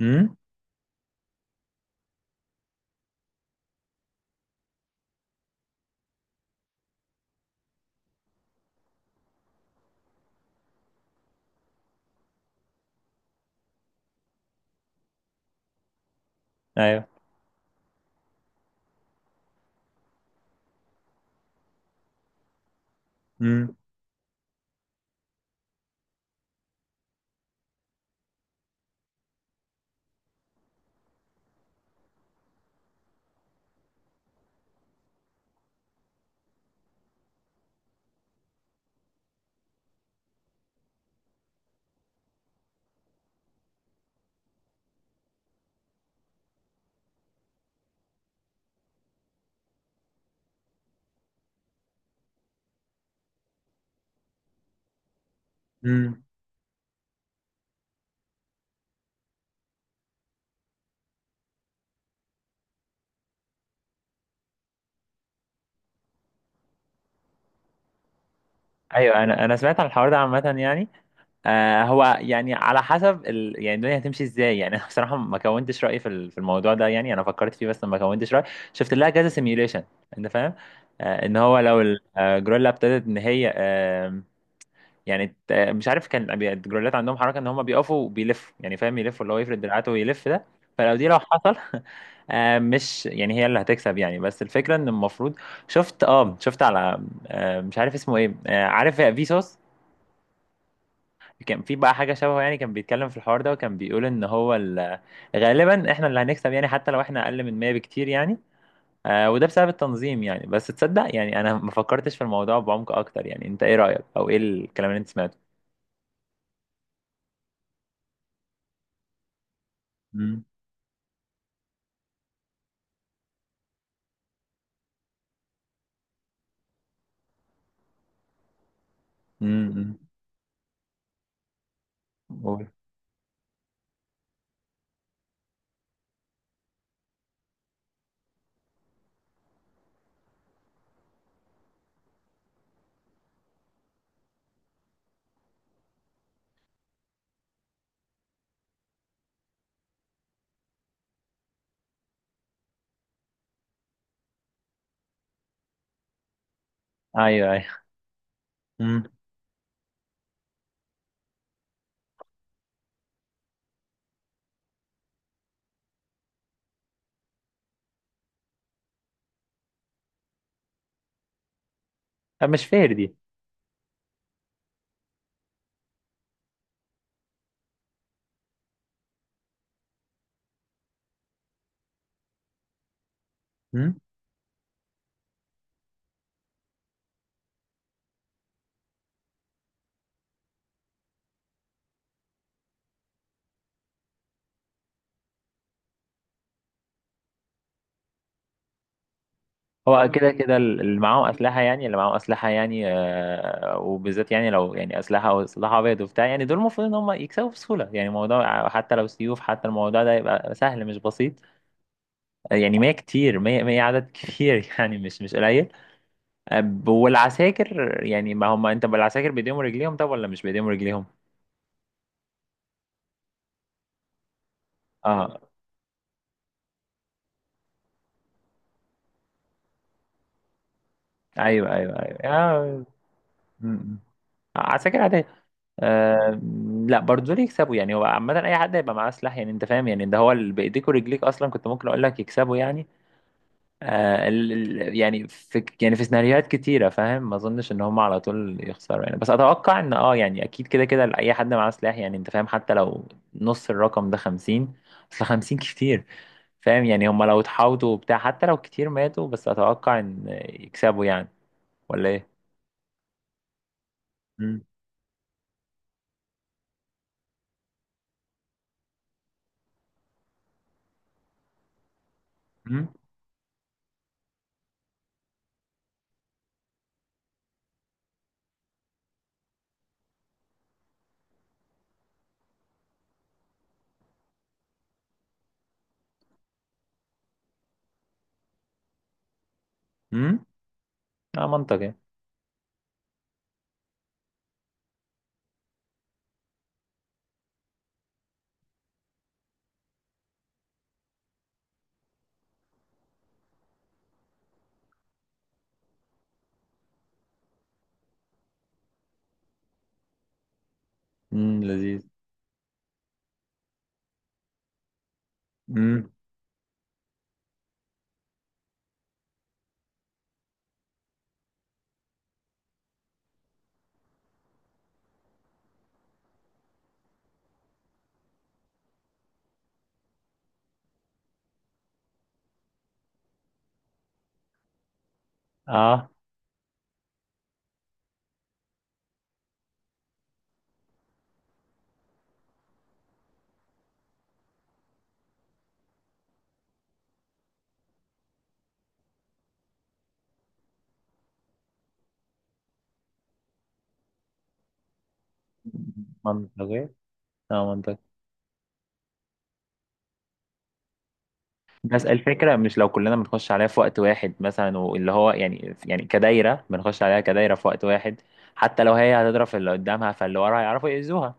امم. ايوه. امم. امم. ايوه. انا سمعت عن الحوار ده عامه يعني. هو يعني على حسب يعني الدنيا هتمشي ازاي يعني انا بصراحه ما كونتش رايي في الموضوع ده يعني. انا فكرت فيه بس ما كونتش رايي. شفت لها كذا سيميوليشن. انت فاهم؟ ان هو لو الجوريلا ابتدت ان هي. يعني مش عارف، كان الجرولات عندهم حركه ان هم بيقفوا وبيلفوا، يعني فاهم؟ يلفوا اللي هو يفرد دراعاته ويلف ده. فلو دي لو حصل مش يعني هي اللي هتكسب يعني، بس الفكره ان المفروض. شفت على. مش عارف اسمه ايه. عارف فيسوس؟ كان في بقى حاجه شبهه يعني، كان بيتكلم في الحوار ده وكان بيقول ان هو غالبا احنا اللي هنكسب يعني، حتى لو احنا اقل من 100 بكتير يعني. وده بسبب التنظيم يعني. بس تصدق يعني انا ما فكرتش في الموضوع بعمق اكتر. يعني انت ايه رايك، او ايه الكلام اللي انت سمعته؟ امم. قول. ايوه. ايوه. امم. طب مش فير دي. امم. هو كده كده اللي معاهم اسلحه يعني. وبالذات يعني لو يعني اسلحه او سلاح ابيض وبتاع يعني. دول المفروض ان هم يكسبوا بسهوله يعني. الموضوع حتى لو سيوف، حتى الموضوع ده يبقى سهل مش بسيط. يعني 100 كتير، 100، 100، عدد كبير يعني مش قليل. والعساكر يعني، ما هم انت بالعساكر بايديهم ورجليهم، طب ولا مش بايديهم ورجليهم؟ اه. ايوه. ايوه. ايوه. آه. م- م. عساكر عادية. لا برضه دول يكسبوا يعني. هو عامة أي حد هيبقى معاه سلاح، يعني أنت فاهم؟ يعني ده هو، اللي بإيديك ورجليك أصلا كنت ممكن أقول لك يكسبوا يعني. ال ال يعني في سيناريوهات كتيرة، فاهم؟ ما أظنش إن هم على طول يخسروا يعني. بس أتوقع إن يعني أكيد كده كده أي حد معاه سلاح، يعني أنت فاهم، حتى لو نص الرقم ده خمسين. أصل خمسين كتير، فاهم يعني؟ هم لو اتحاوطوا وبتاع، حتى لو كتير ماتوا، بس أتوقع إن يكسبوا يعني. ولا إيه؟ مم. مم. مم. اه، منطقي. امم، لذيذ. مم. اه، منطقي. اه، منطقي. بس الفكرة، مش لو كلنا بنخش عليها في وقت واحد مثلا، واللي هو يعني كدايرة، بنخش عليها كدايرة في وقت واحد. حتى لو هي هتضرب في اللي قدامها، فاللي ورا هيعرفوا يأذوها.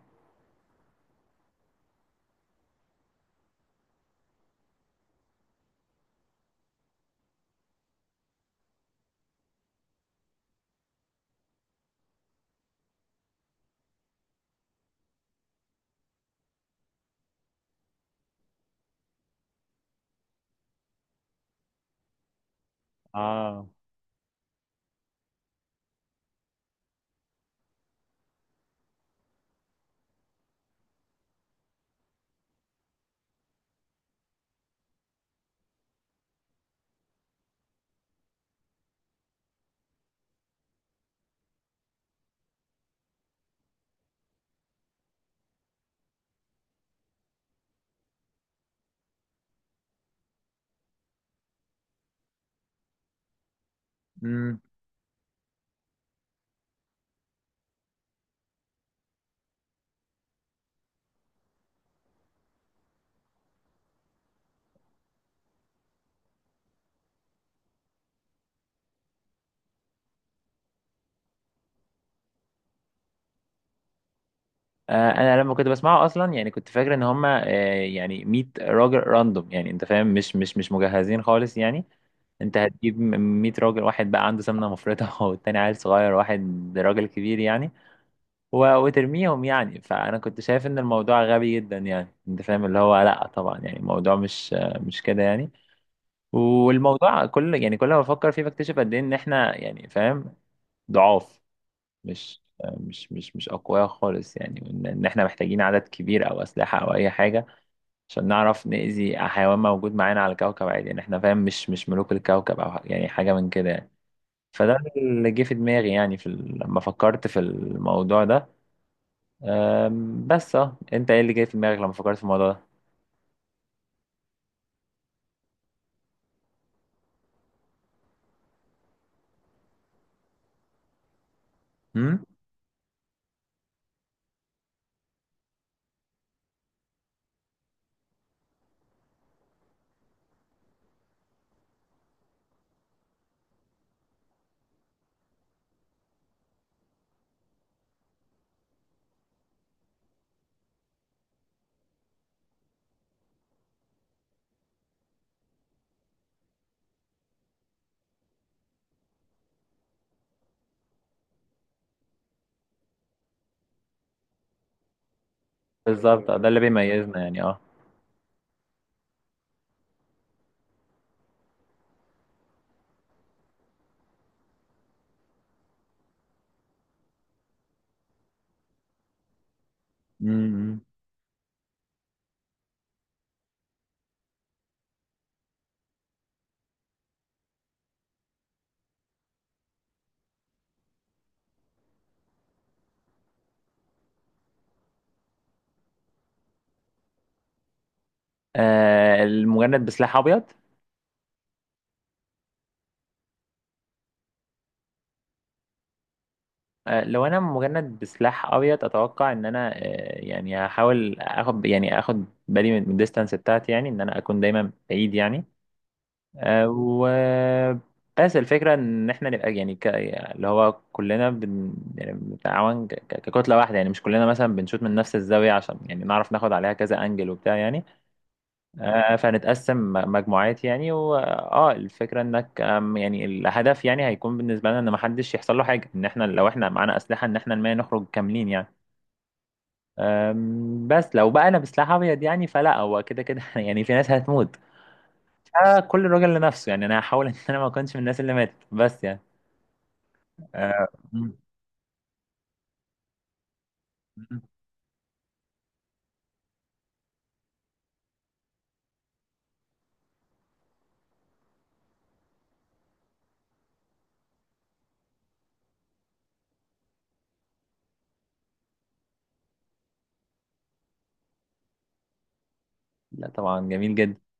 اه. امم. انا لما كنت بسمعه اصلا، يعني كنت فاكر ان هما يعني 100 راجل راندوم، يعني انت فاهم؟ مش مش مجهزين خالص يعني. انت هتجيب 100 راجل، واحد بقى عنده سمنة مفرطة والتاني عيل صغير، واحد راجل كبير يعني، وترميهم يعني. فانا كنت شايف ان الموضوع غبي جدا، يعني انت فاهم؟ اللي هو لا طبعا، يعني الموضوع مش كده يعني. والموضوع كل يعني كل ما بفكر فيه بكتشف قد ايه ان احنا، يعني فاهم، ضعاف. مش مش اقوياء خالص يعني. وان احنا محتاجين عدد كبير او اسلحه او اي حاجه عشان نعرف نأذي حيوان موجود معانا على الكوكب عادي يعني. احنا فاهم، مش ملوك الكوكب او يعني حاجه من كده يعني. فده اللي جه في دماغي يعني لما فكرت في الموضوع ده. بس انت ايه اللي جاي في دماغك لما فكرت في الموضوع ده؟ امم. بالظبط، ده اللي بيميزنا يعني. اه. امم. المجند بسلاح ابيض؟ لو انا مجند بسلاح ابيض، اتوقع ان انا يعني هحاول اخد بالي من الديستانس بتاعتي يعني، ان انا اكون دايما بعيد يعني. آه و بس الفكره ان احنا نبقى يعني، اللي هو كلنا، يعني بنتعاون، ككتله واحده يعني. مش كلنا مثلا بنشوط من نفس الزاويه، عشان يعني نعرف ناخد عليها كذا انجل وبتاع يعني. فهنتقسم مجموعات يعني، الفكره انك يعني الهدف، يعني هيكون بالنسبه لنا ان محدش يحصل له حاجه، ان احنا لو احنا معانا اسلحه، ان احنا المية نخرج كاملين يعني. بس لو بقى انا بسلاح ابيض يعني، فلا، هو كده كده يعني في ناس هتموت. فكل راجل لنفسه يعني. انا هحاول ان انا ما اكونش من الناس اللي ماتت بس يعني. آه، م- م- لا طبعا، جميل جدا.